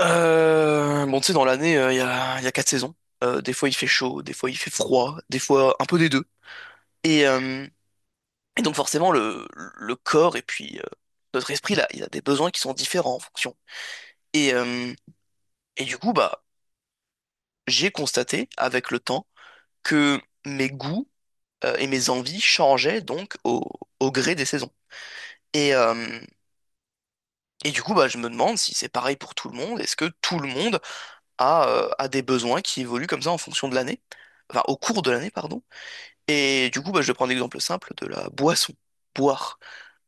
Bon, tu sais, dans l'année, il y a quatre saisons. Des fois, il fait chaud, des fois, il fait froid, des fois, un peu des deux. Et, euh, et donc, forcément, le corps et puis notre esprit, là, il a des besoins qui sont différents en fonction. Et, euh, et du coup, bah, j'ai constaté avec le temps que mes goûts et mes envies changeaient donc au gré des saisons. Et, euh, et du coup, bah, je me demande si c'est pareil pour tout le monde. Est-ce que tout le monde a des besoins qui évoluent comme ça en fonction de l'année? Enfin, au cours de l'année, pardon. Et du coup, bah, je vais prendre l'exemple simple de la boisson. Boire.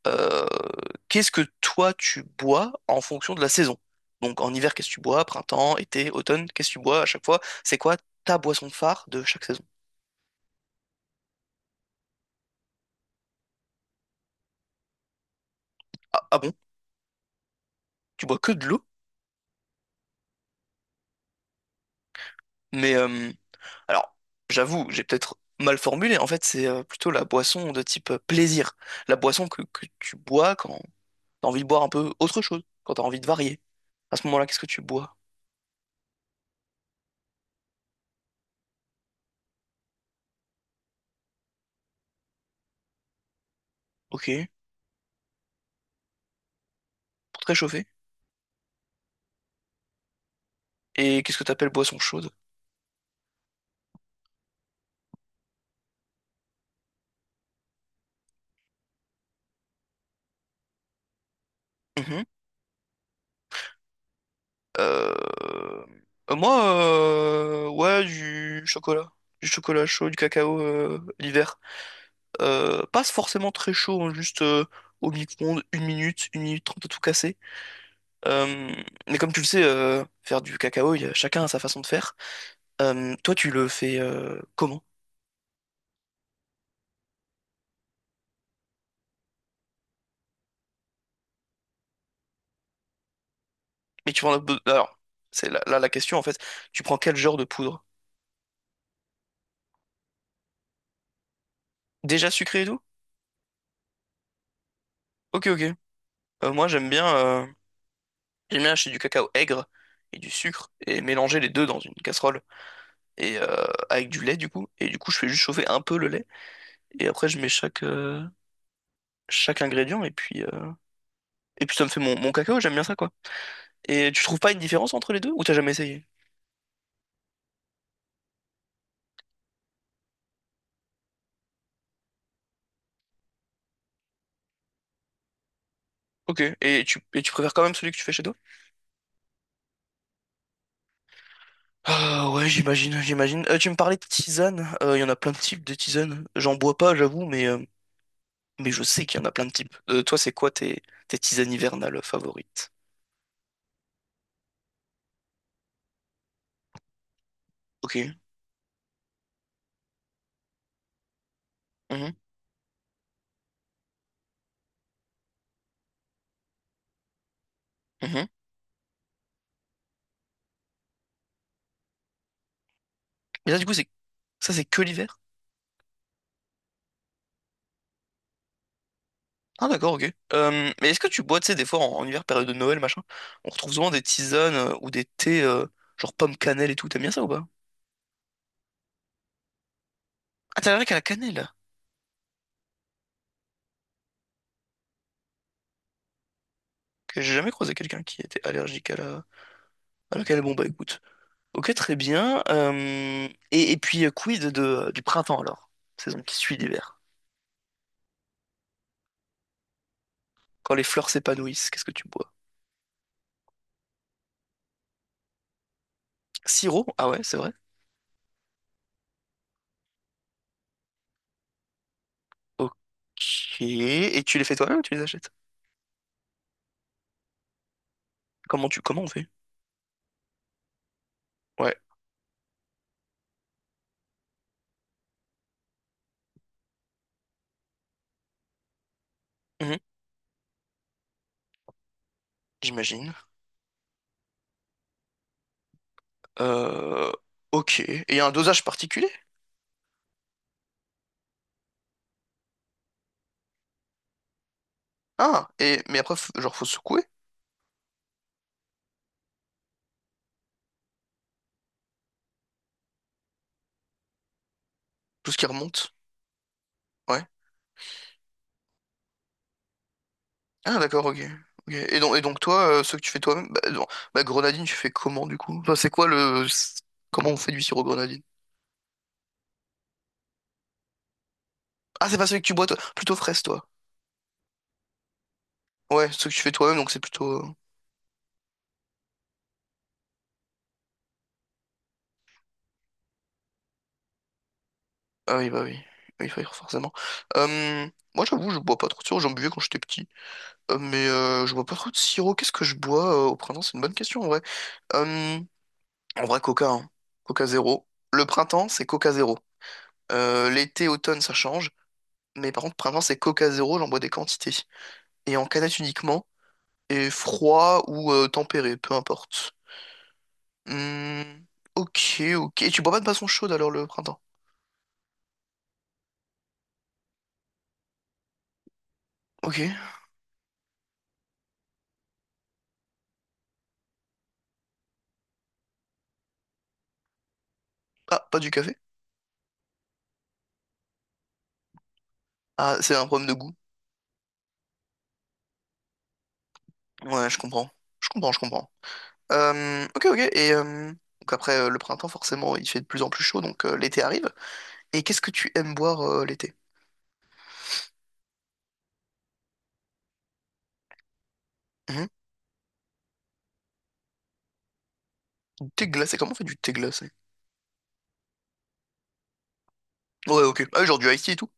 Euh, Qu'est-ce que toi tu bois en fonction de la saison? Donc en hiver, qu'est-ce que tu bois? Printemps, été, automne, qu'est-ce que tu bois à chaque fois? C'est quoi ta boisson phare de chaque saison? Ah, ah bon? Tu bois que de l'eau? Mais alors, j'avoue, j'ai peut-être mal formulé. En fait, c'est plutôt la boisson de type plaisir. La boisson que tu bois quand t'as envie de boire un peu autre chose, quand t'as envie de varier. À ce moment-là, qu'est-ce que tu bois? Ok, pour te réchauffer. Et qu'est-ce que t'appelles boisson chaude? Mhm. Euh, Moi, ouais, du chocolat. Du chocolat chaud, du cacao l'hiver. Pas forcément très chaud, hein, juste au micro-ondes, 1 minute, 1 minute 30 à tout casser. Euh, mais comme tu le sais, faire du cacao, chacun a sa façon de faire. Toi, tu le fais comment? Mais tu prends la... Alors, c'est là la question en fait. Tu prends quel genre de poudre? Déjà sucré et tout? Ok, ok. Moi, j'aime bien acheter du cacao aigre et du sucre et mélanger les deux dans une casserole et avec du lait du coup. Et du coup, je fais juste chauffer un peu le lait et après je mets chaque ingrédient et puis et puis ça me fait mon cacao. J'aime bien ça quoi. Et tu trouves pas une différence entre les deux ou t'as jamais essayé? Ok. Et tu préfères quand même celui que tu fais chez toi? Ah ouais, j'imagine, j'imagine. Tu me parlais de tisane. Il y en a plein de types de tisane. J'en bois pas, j'avoue, mais je sais qu'il y en a plein de types. Toi, c'est quoi tes tisanes hivernales favorites? Ok. Mhm, mhm. Mais ça, du coup, c'est que l'hiver? Ah, d'accord, ok. Mais est-ce que tu bois, tu sais, des fois, en hiver, période de Noël, machin, on retrouve souvent des tisanes ou des thés, genre pomme cannelle et tout. T'aimes bien ça ou pas? Ah, t'es allergique à la cannelle? Que j'ai jamais croisé quelqu'un qui était allergique à la cannelle. Bon, bah, écoute. Ok, très bien. Et puis, quid du printemps, alors? Saison qui suit l'hiver. Quand les fleurs s'épanouissent, qu'est-ce que tu bois? Sirop? Ah ouais, c'est vrai. Ok. Et tu les fais toi-même ou tu les achètes? Comment on fait? Ouais. Mhm. J'imagine. Euh, ok. Et il y a un dosage particulier? Ah, mais après, genre, faut secouer tout ce qui remonte. Ouais. Ah, d'accord, ok. Ok. Et donc toi, ce que tu fais toi-même, bah, non. Bah, grenadine, tu fais comment du coup? Enfin, c'est quoi le. Comment on fait du sirop grenadine? Ah, c'est pas celui que tu bois toi, plutôt fraise toi. Ouais, ce que tu fais toi-même, donc c'est plutôt. Ah oui, bah oui. Oui, forcément. Euh, Moi, j'avoue, je bois pas trop de sirop, j'en buvais quand j'étais petit. Mais je bois pas trop de sirop. Qu'est-ce que je bois au printemps? C'est une bonne question en vrai. Euh, En vrai, Coca, hein. Coca zéro. Le printemps, c'est Coca zéro. L'été, automne, ça change. Mais par contre, printemps, c'est Coca zéro. J'en bois des quantités. Et en canette uniquement. Et froid ou tempéré, peu importe. Hmm, ok, ok. Et tu bois pas de boisson chaude alors le printemps? Ok. Ah, pas du café? Ah, c'est un problème de goût. Ouais, je comprends. Je comprends, je comprends. Ok, ok. Et donc après le printemps, forcément, il fait de plus en plus chaud, donc l'été arrive. Et qu'est-ce que tu aimes boire l'été? Mhm. Du thé glacé, comment on fait du thé glacé? Ouais, ok. Ah, genre du ice tea et tout.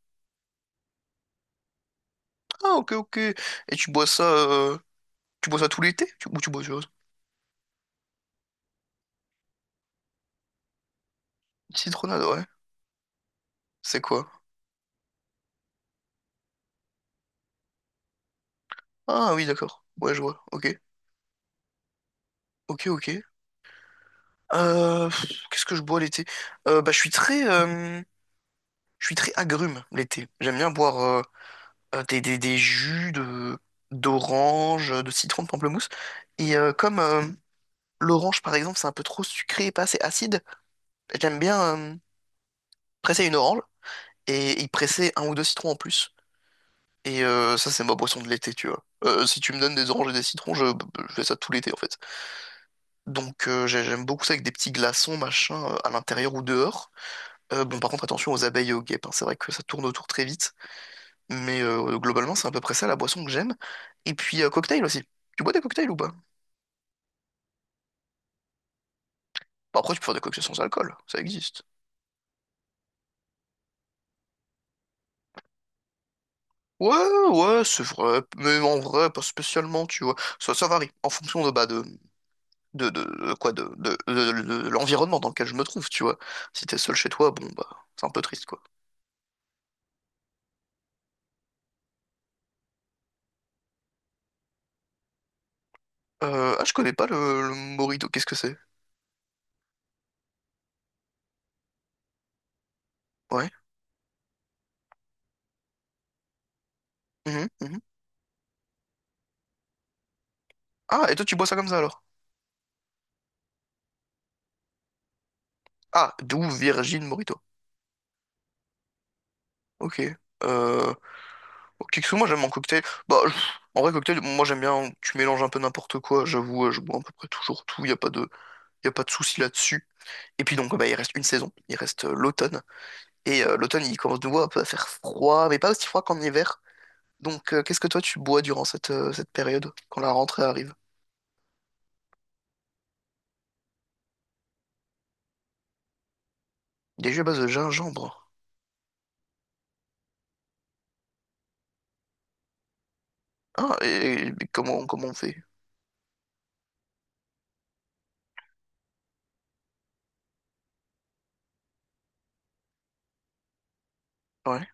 Ah, ok, ok. Et tu bois ça, euh, tu bois ça tout l'été? Ou tu bois autre chose? Citronade, ouais. C'est quoi? Ah oui, d'accord. Ouais, je vois. Ok, ok, ok. Qu'est-ce que je bois l'été? Bah, je suis très agrume l'été. J'aime bien boire. Des jus de d'orange, de citron, de pamplemousse. Et comme l'orange, par exemple, c'est un peu trop sucré et pas assez acide, j'aime bien presser une orange et y presser un ou deux citrons en plus. Et ça, c'est ma boisson de l'été, tu vois. Si tu me donnes des oranges et des citrons, je fais ça tout l'été, en fait. Donc j'aime beaucoup ça avec des petits glaçons, machin, à l'intérieur ou dehors. Bon, par contre, attention aux abeilles et aux guêpes, hein. C'est vrai que ça tourne autour très vite. Mais globalement, c'est à peu près ça la boisson que j'aime. Et puis, cocktail aussi. Tu bois des cocktails ou pas? Bah, après, tu peux faire des cocktails sans alcool, ça existe. Ouais, ouais, c'est vrai, mais en vrai, pas spécialement, tu vois. Ça varie en fonction de l'environnement dans lequel je me trouve, tu vois. Si t'es seul chez toi, bon, bah, c'est un peu triste, quoi. Je connais pas le Morito, qu'est-ce que c'est? Ouais. Mhm, mhm. Ah, et toi, tu bois ça comme ça alors? Ah, d'où Virgin Morito. Ok. Euh, Kiksou, moi, j'aime mon cocktail. Bah, en vrai, cocktail, moi, j'aime bien, tu mélanges un peu n'importe quoi, j'avoue, je bois à peu près toujours tout, y a pas de souci là-dessus. Et puis donc bah, il reste une saison, il reste l'automne. Et l'automne il commence de nouveau un peu à faire froid, mais pas aussi froid qu'en hiver. Donc qu'est-ce que toi tu bois durant cette période, quand la rentrée arrive? Des jus à base de gingembre. Ah, mais comment on fait? Ouais.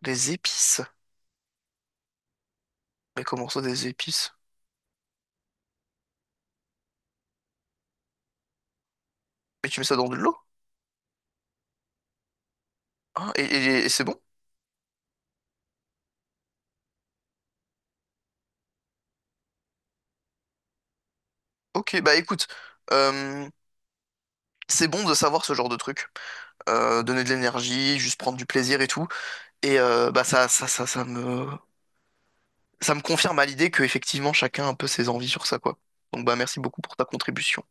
Des épices. Mais comment ça des épices? Mais tu mets ça dans de l'eau? Ah, et c'est bon? Ok, bah écoute, euh, c'est bon de savoir ce genre de truc. Donner de l'énergie, juste prendre du plaisir et tout. Et bah ça me confirme à l'idée que effectivement chacun a un peu ses envies sur ça, quoi. Donc bah merci beaucoup pour ta contribution.